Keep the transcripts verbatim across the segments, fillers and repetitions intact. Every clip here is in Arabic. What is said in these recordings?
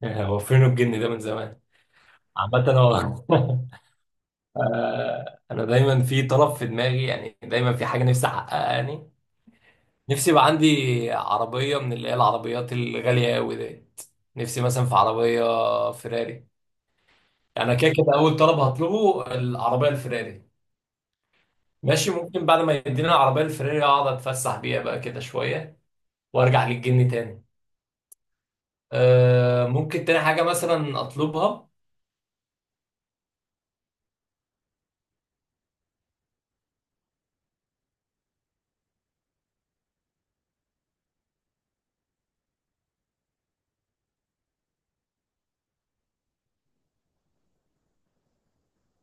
هو فين الجن ده من زمان؟ عامة هو آه، أنا دايما في طلب في دماغي، يعني دايما في حاجة نفسي أحققها يعني. نفسي يبقى عندي عربية من اللي هي العربيات الغالية أوي ديت. نفسي مثلا في عربية فيراري. يعني أنا كده كده أول طلب هطلبه العربية الفيراري. ماشي، ممكن بعد ما يدينا العربية الفيراري أقعد أتفسح بيها بقى كده شوية وأرجع للجن تاني. آه، ممكن تاني حاجة مثلا أطلبها.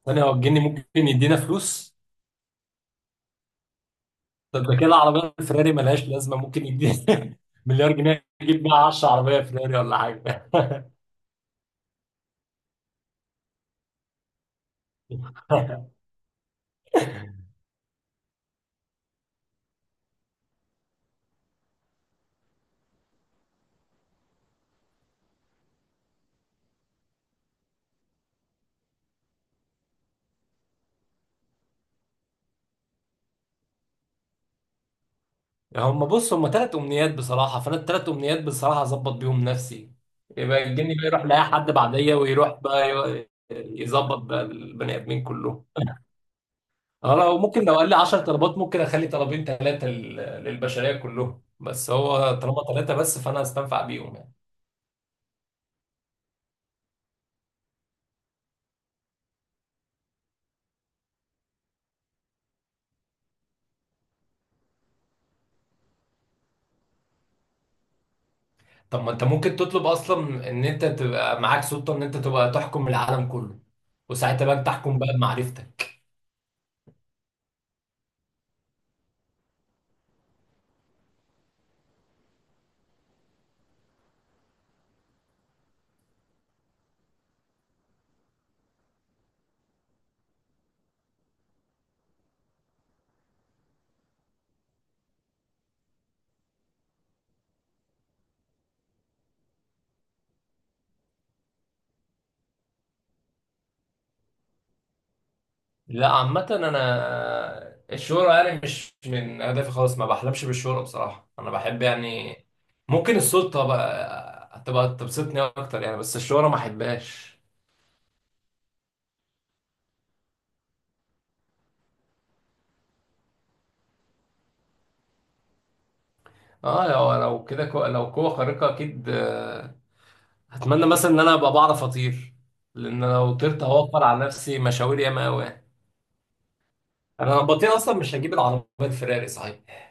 تاني هو الجن ممكن يدينا فلوس؟ طب ده كده العربية الفراري ملهاش لازمة، ممكن يدي مليار جنيه يجيب بيها عشرة عربية فراري ولا حاجة. هم بص، هم ثلاث أمنيات بصراحة، فأنا الثلاث أمنيات بصراحة أظبط بيهم نفسي. يبقى الجني بقى يروح لأي حد بعديا، ويروح بقى ي- يظبط بقى البني آدمين كلهم. أه لو ممكن لو قال لي عشرة طلبات ممكن أخلي طلبين ثلاثة للبشرية كلهم، بس هو طالما ثلاثة بس فأنا هستنفع بيهم يعني. طب ما انت ممكن تطلب اصلا ان انت تبقى معاك سلطه، ان انت تبقى تحكم العالم كله، وساعتها بقى تحكم بقى بمعرفتك. لا عامه انا الشهره يعني مش من اهدافي خالص، ما بحلمش بالشهره بصراحه. انا بحب يعني ممكن السلطه بقى هتبقى تبسطني اكتر يعني، بس الشهره ما احبهاش. اه لو لو كده كو- لو قوه خارقه اكيد، آه، هتمنى مثلا ان انا ابقى بعرف اطير. لان لو طرت هوفر على نفسي مشاوير ياما قوي. انا لو بطير اصلا مش هجيب العربيه الفراري صحيح.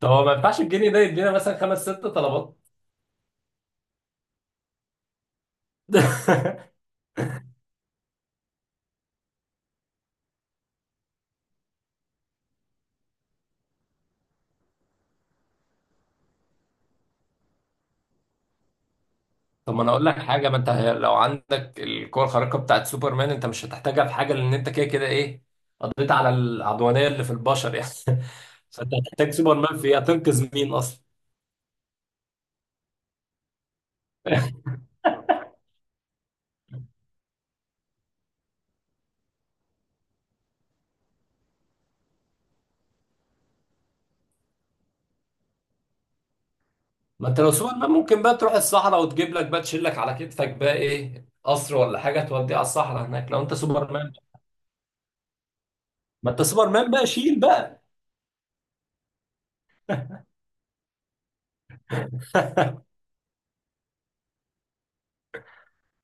طب هو ما ينفعش الجنيه ده يدينا مثلا خمس ست طلبات؟ طب ما انا اقول لك حاجه، ما انت لو عندك القوه الخارقه بتاعت سوبرمان انت مش هتحتاجها في حاجه، لان انت كده كده ايه، قضيت على العدوانيه اللي في البشر يعني. فانت هتحتاج سوبرمان في ايه؟ هتنقذ مين اصلا؟ ما انت لو سوبرمان ممكن بقى تروح الصحراء وتجيب لك بقى، تشيل لك على كتفك بقى ايه، قصر ولا حاجه توديه على الصحراء هناك لو انت سوبرمان. ما انت سوبرمان بقى شيل بقى.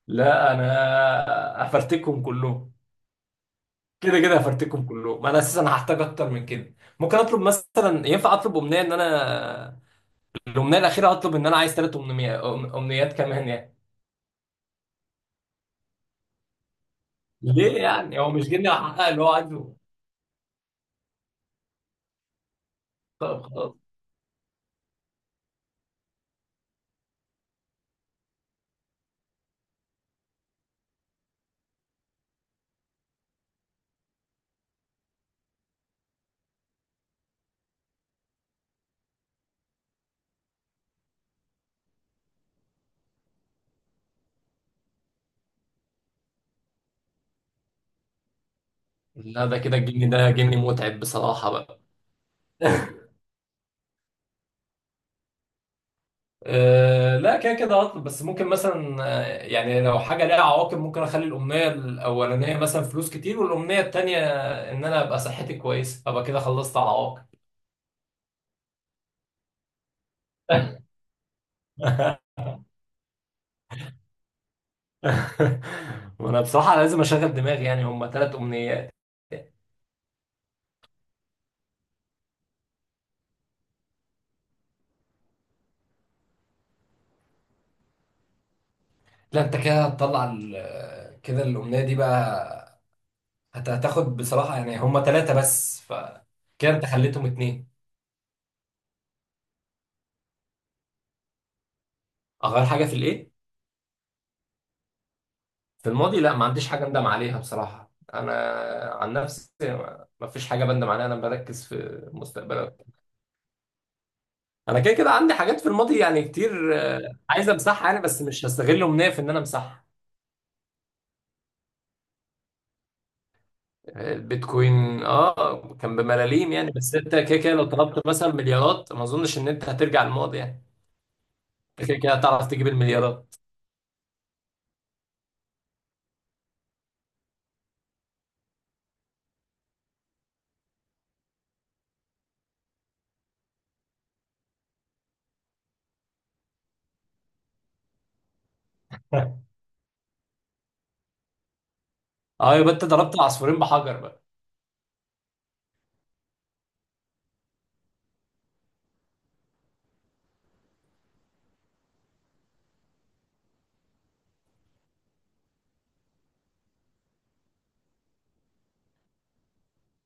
لا انا افرتكهم كلهم. كده كده هفرتكم كلهم، انا اساسا هحتاج اكتر من كده. ممكن اطلب مثلا، ينفع اطلب امنيه ان انا الامنيه الاخيره اطلب ان انا عايز ثلاث امنيات، امنيات كمان يعني؟ ليه يعني، هو مش جني هحقق اللي هو عايزه؟ طب خلاص. لا ده كده الجني ده جني متعب بصراحه بقى. أه لا كده كده هطلب، بس ممكن مثلا آه، يعني لو حاجه ليها عواقب ممكن اخلي الامنيه الاولانيه مثلا فلوس كتير، والامنيه التانيه ان انا ابقى صحتي كويسه، ابقى كده خلصت على العواقب. وانا بصراحة لازم اشغل دماغي، يعني هما ثلاث امنيات. لا انت كده هتطلع ال- كده الامنية دي بقى هت- هتاخد بصراحة، يعني هما ثلاثة بس ف كده انت خليتهم اتنين. اغير حاجة في الايه؟ في الماضي؟ لا ما عنديش حاجة اندم عليها بصراحة، انا عن نفسي ما ما فيش حاجة بندم عليها، انا بركز في المستقبل أكتر. انا كده كده عندي حاجات في الماضي يعني كتير، آه، عايز امسحها يعني، بس مش هستغل امنية في ان انا امسحها. البيتكوين اه كان بملاليم يعني، بس انت كده كده لو طلبت مثلا مليارات ما اظنش ان انت هترجع الماضي يعني. كده كده هتعرف تجيب المليارات. اه يبقى انت ضربت العصفورين بحجر بقى.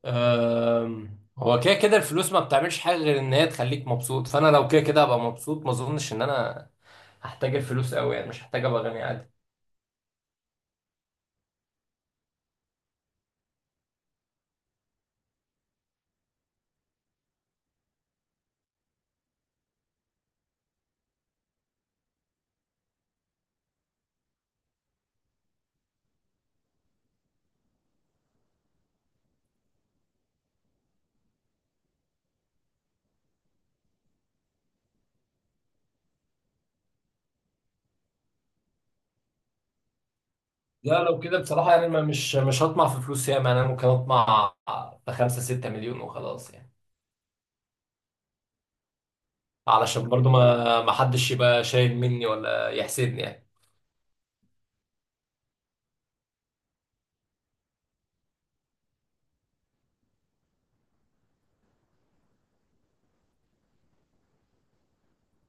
آم، هو كده كده الفلوس ما بتعملش حاجه غير ان هي تخليك مبسوط، فانا لو كده كده هبقى مبسوط ما اظنش ان انا هحتاج الفلوس قوي يعني، مش هحتاج ابقى غني عادي. لا لو كده بصراحه يعني ما مش مش هطمع في فلوس ياما يعني، انا ممكن اطمع في خمسة ستة مليون وخلاص يعني. علشان برضو ما ما حدش يبقى شايل مني ولا يحسدني يعني.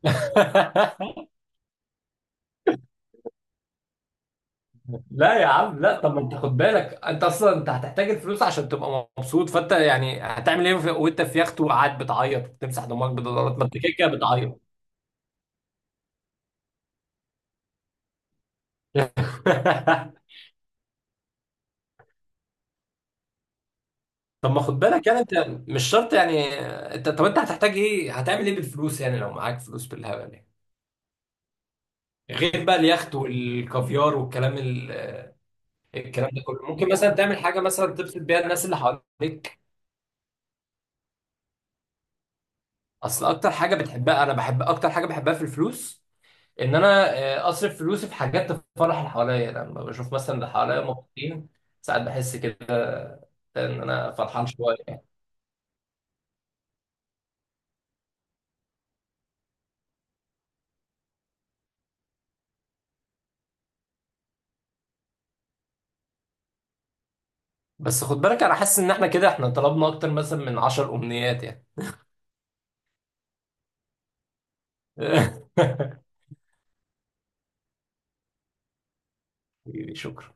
لا يا عم لا، طب ما انت خد بالك انت اصلا انت هتحتاج الفلوس عشان تبقى مبسوط، فانت يعني هتعمل ايه في- وانت في يخت وقاعد بتعيط بتمسح دموعك بدولارات، ما انت كده كده بتعيط. طب ما خد بالك يعني، انت مش شرط يعني، انت طب انت هتحتاج ايه، هتعمل ايه بالفلوس يعني لو معاك فلوس بالهبل يعني، غير بقى اليخت والكافيار والكلام ال... الكلام ده كله ممكن مثلا تعمل حاجه مثلا تبسط بيها الناس اللي حواليك. اصل اكتر حاجه بتحبها، انا بحب اكتر حاجه بحبها في الفلوس ان انا آه، اصرف فلوسي في حاجات تفرح اللي حواليا يعني. لما بشوف مثلا اللي حواليا مبسوطين ساعات بحس كده ان انا فرحان شويه يعني. بس خد بالك انا حاسس ان احنا كده احنا طلبنا اكتر مثلا من عشرة امنيات يعني. شكرا